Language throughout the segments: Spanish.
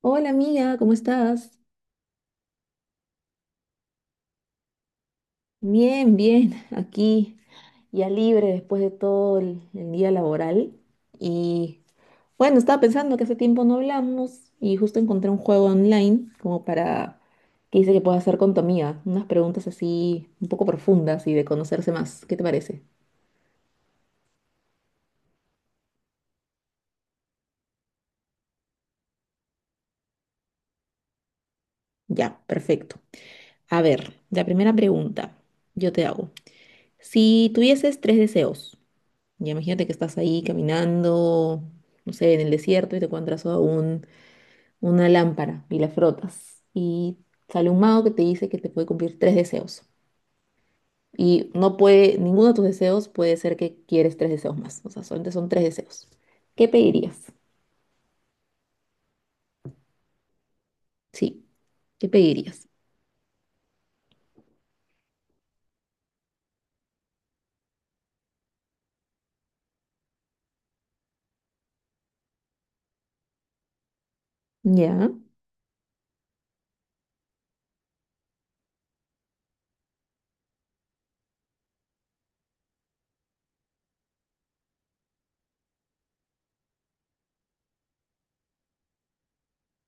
Hola amiga, ¿cómo estás? Bien, bien, aquí ya libre después de todo el día laboral. Y bueno, Estaba pensando que hace tiempo no hablamos y justo encontré un juego online como para que dice que puedo hacer con tu amiga, unas preguntas así un poco profundas y de conocerse más. ¿Qué te parece? Ya, perfecto. A ver, la primera pregunta yo te hago. Si tuvieses tres deseos, ya imagínate que estás ahí caminando, no sé, en el desierto y te encuentras a un una lámpara y la frotas y sale un mago que te dice que te puede cumplir tres deseos. Y no puede, ninguno de tus deseos puede ser que quieres tres deseos más. O sea, solamente son tres deseos. ¿Qué pedirías? Sí, ¿qué pedirías? Ya.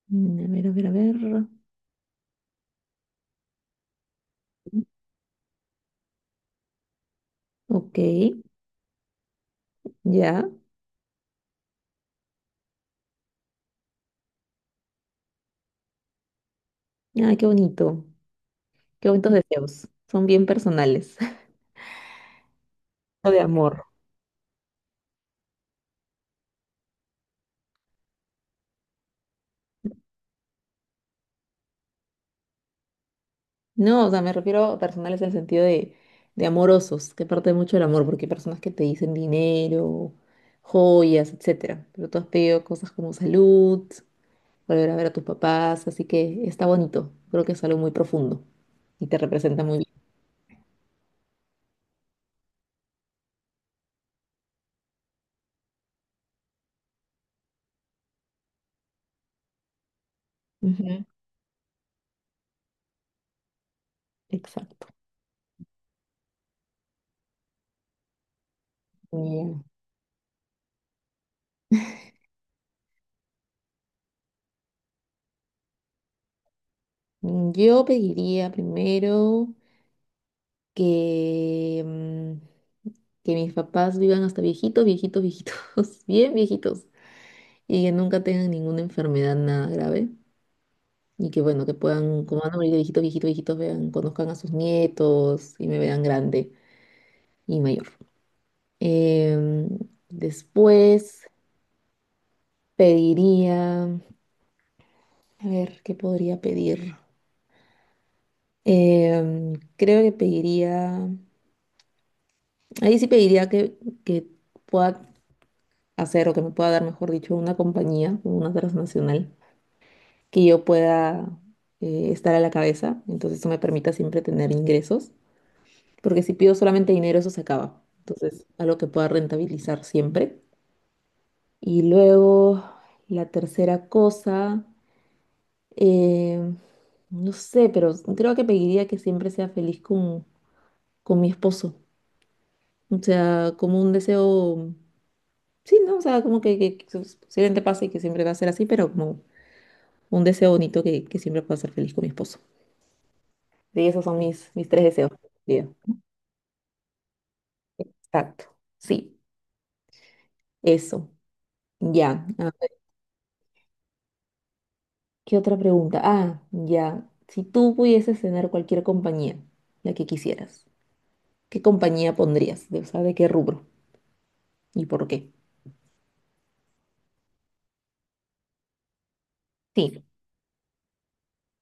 A ver, a ver, a ver. Ok, ya. Ah, qué bonito. Qué bonitos deseos. Son bien personales. O de amor. No, o sea, me refiero a personales en el sentido de amorosos, que parte mucho del amor, porque hay personas que te dicen dinero, joyas, etcétera. Pero tú has pedido cosas como salud, volver a ver a tus papás, así que está bonito. Creo que es algo muy profundo y te representa muy bien. Ujú. Exacto. Muy bien. Yo pediría primero que, que mis papás vivan hasta viejitos, viejitos, viejitos, bien viejitos, y que nunca tengan ninguna enfermedad, nada grave. Y que bueno, que puedan, como van a morir de viejitos, viejitos, viejitos, vean, conozcan a sus nietos y me vean grande y mayor. Em, Después pediría, a ver, ¿qué podría pedir? Creo que pediría, ahí sí pediría que pueda hacer o que me pueda dar, mejor dicho, una compañía, una transnacional, que yo pueda estar a la cabeza. Entonces eso me permita siempre tener ingresos, porque si pido solamente dinero, eso se acaba. Entonces, algo que pueda rentabilizar siempre. Y luego, la tercera cosa, eh, no sé, pero creo que pediría que siempre sea feliz con mi esposo. O sea, como un deseo, sí, ¿no? O sea, como que su- posiblemente pase y que siempre va a ser así, pero como un deseo bonito que siempre pueda ser feliz con mi esposo. Sí, esos son mis tres deseos. Bien, exacto. Sí, eso. Ya. ¿Qué otra pregunta? Ah, ya. Si tú pudieses cenar cualquier compañía, la que quisieras, ¿qué compañía pondrías? ¿De, o sea, de qué rubro? ¿Y por qué? Sí.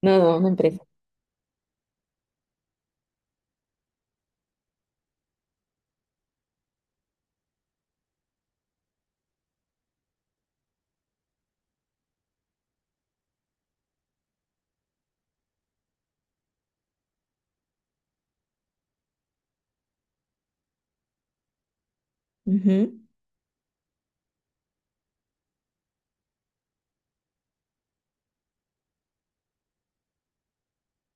No, no, una empresa. Ujú.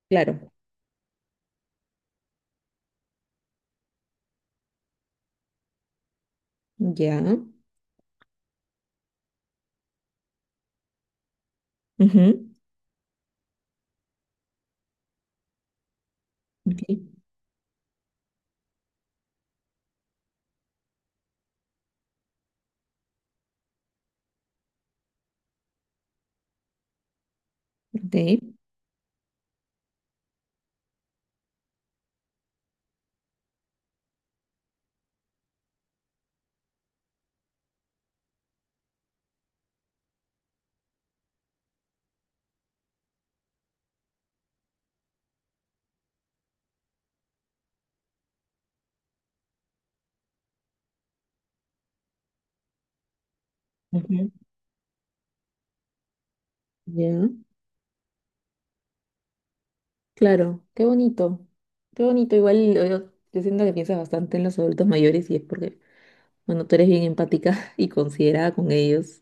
Claro. Ya. Ujú. Ok. Ok, ujú, ya. Claro. Qué bonito. Qué bonito. Igual yo, yo siento que piensas bastante en los adultos mayores y es porque, bueno, tú eres bien empática y considerada con ellos.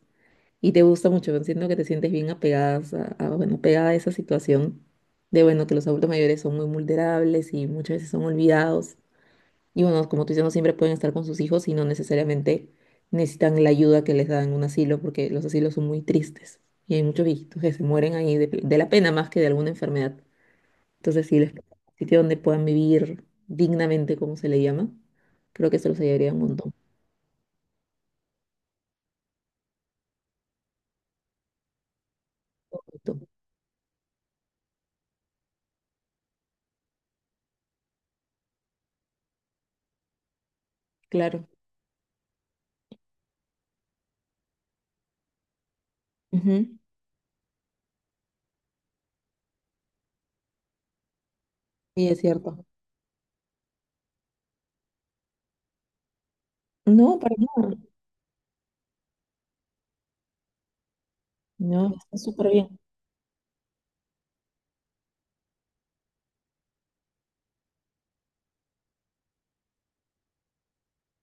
Y te gusta mucho, entiendo que te sientes bien apegadas a, bueno, pegada a esa situación de, bueno, que los adultos mayores son muy vulnerables y muchas veces son olvidados. Y bueno, como tú dices, no siempre pueden estar con sus hijos y no necesariamente necesitan la ayuda que les da en un asilo porque los asilos son muy tristes y hay muchos viejitos que se mueren ahí de la pena más que de alguna enfermedad. Entonces, si les un sitio donde puedan vivir dignamente, como se le llama, creo que se los ayudaría un montón. Claro. Ujú. Sí, es cierto. No, para nada. No, está súper bien.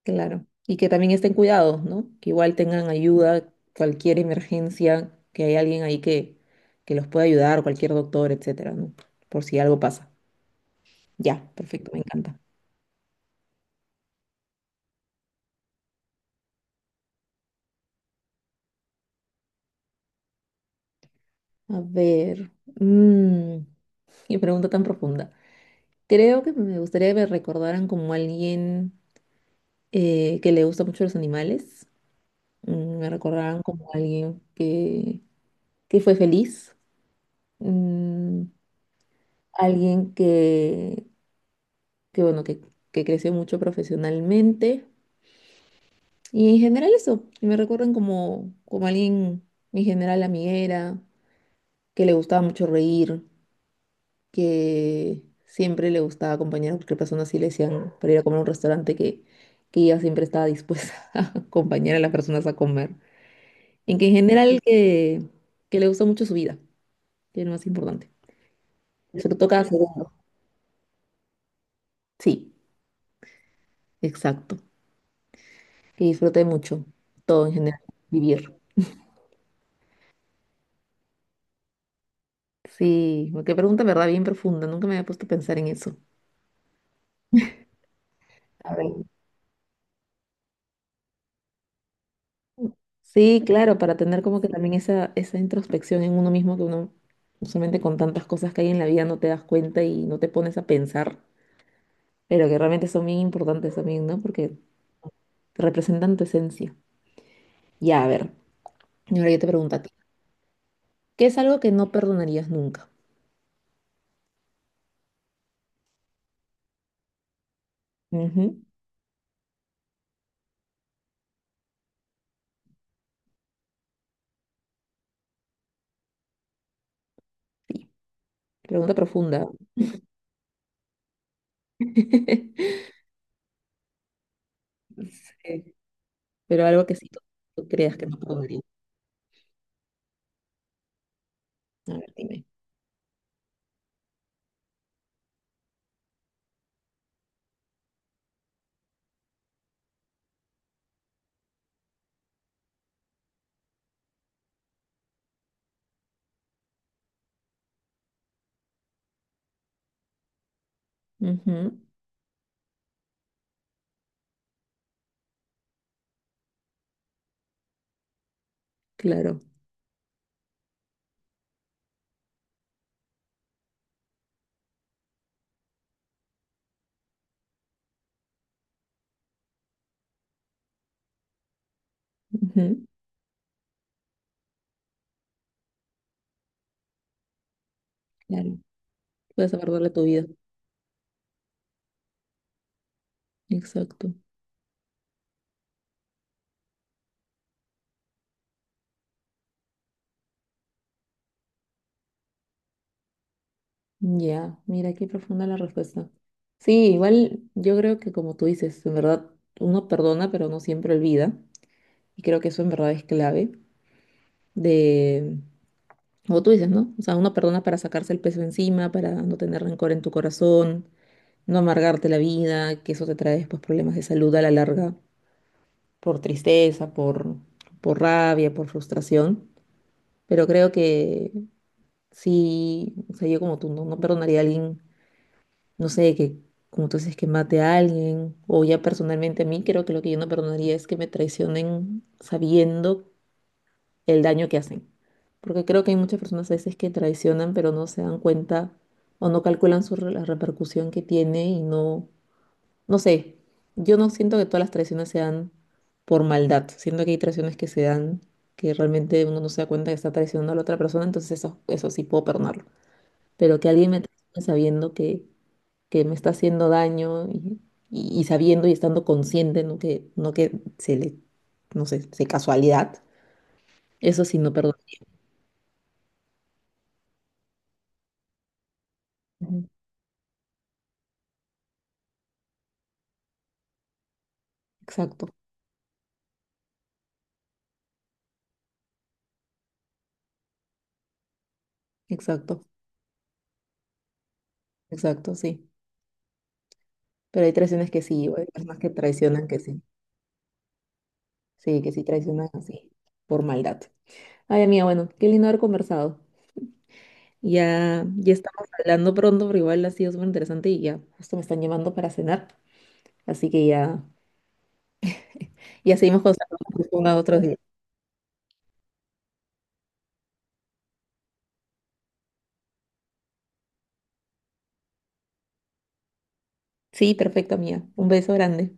Claro. Y que también estén cuidados, ¿no? Que igual tengan ayuda, cualquier emergencia, que hay alguien ahí que los pueda ayudar, cualquier doctor, etcétera, ¿no? Por si algo pasa. Ya, perfecto, me encanta. A ver, mm, qué pregunta tan profunda. Creo que me gustaría que me recordaran como alguien que le gusta mucho los animales. Me recordaran como que fue feliz. Mm, Alguien que bueno, que creció mucho profesionalmente. Y en general eso, y me recuerdan como, como alguien en general amiguera, que le gustaba mucho reír, que siempre le gustaba acompañar a cualquier persona, así le decían, para ir a comer a un restaurante que ella siempre estaba dispuesta a acompañar a las personas a comer. En que en general que le gustó mucho su vida, que es lo más importante. Sobre todo cada segundo. Sí, exacto. Que disfrute mucho todo en general, vivir. Sí, qué pregunta, en ¿verdad? Bien profunda. Nunca me había puesto a pensar en eso. A ver. Sí, claro, para tener como que también esa introspección en uno mismo que uno usualmente con tantas cosas que hay en la vida no te das cuenta y no te pones a pensar, pero que realmente son bien importantes también, ¿no? Porque representan tu esencia. Ya, a ver, y ahora yo te pregunto a ti, ¿qué es algo que no perdonarías nunca? Ujú. Sí, pregunta profunda. Sí, pero algo que sí tú creas que no perdonarías. A ver, dime. Ujú. Claro. Ujú. Claro, puedes abordarle tu vida. Exacto. Ya, mira qué profunda la respuesta. Sí, igual yo creo que como tú dices, en verdad uno perdona, pero no siempre olvida. Y creo que eso en verdad es clave de, como tú dices, ¿no? O sea, uno perdona para sacarse el peso encima, para no tener rencor en tu corazón, no amargarte la vida, que eso te trae después problemas de salud a la larga, por tristeza, por rabia, por frustración. Pero creo que Sí, o sea, yo como tú no, no perdonaría a alguien, no sé, que como tú dices, que mate a alguien, o ya personalmente a mí, creo que lo que yo no perdonaría es que me traicionen sabiendo el daño que hacen. Porque creo que hay muchas personas a veces que traicionan, pero no se dan cuenta o no calculan la repercusión que tiene y no sé, yo no siento que todas las traiciones sean por maldad, siento que hay traiciones que se dan que realmente uno no se da cuenta que está traicionando a la otra persona, entonces eso sí puedo perdonarlo, pero que alguien me traicione sabiendo que me está haciendo daño y sabiendo y estando consciente, no que se le, no sé, se casualidad, eso sí no perdono. Ujú. Exacto, exacto, exacto, sí. Pero hay traiciones que sí, o hay personas que traicionan que sí, sí, que sí traicionan así, por maldad. Ay, amiga, bueno, qué lindo haber conversado. Ya, ya estamos hablando pronto, pero igual ha sido súper interesante y ya, justo me están llamando para cenar. Así que ya, ya seguimos conversando otros. Sí, perfecto, amiga. Un beso grande.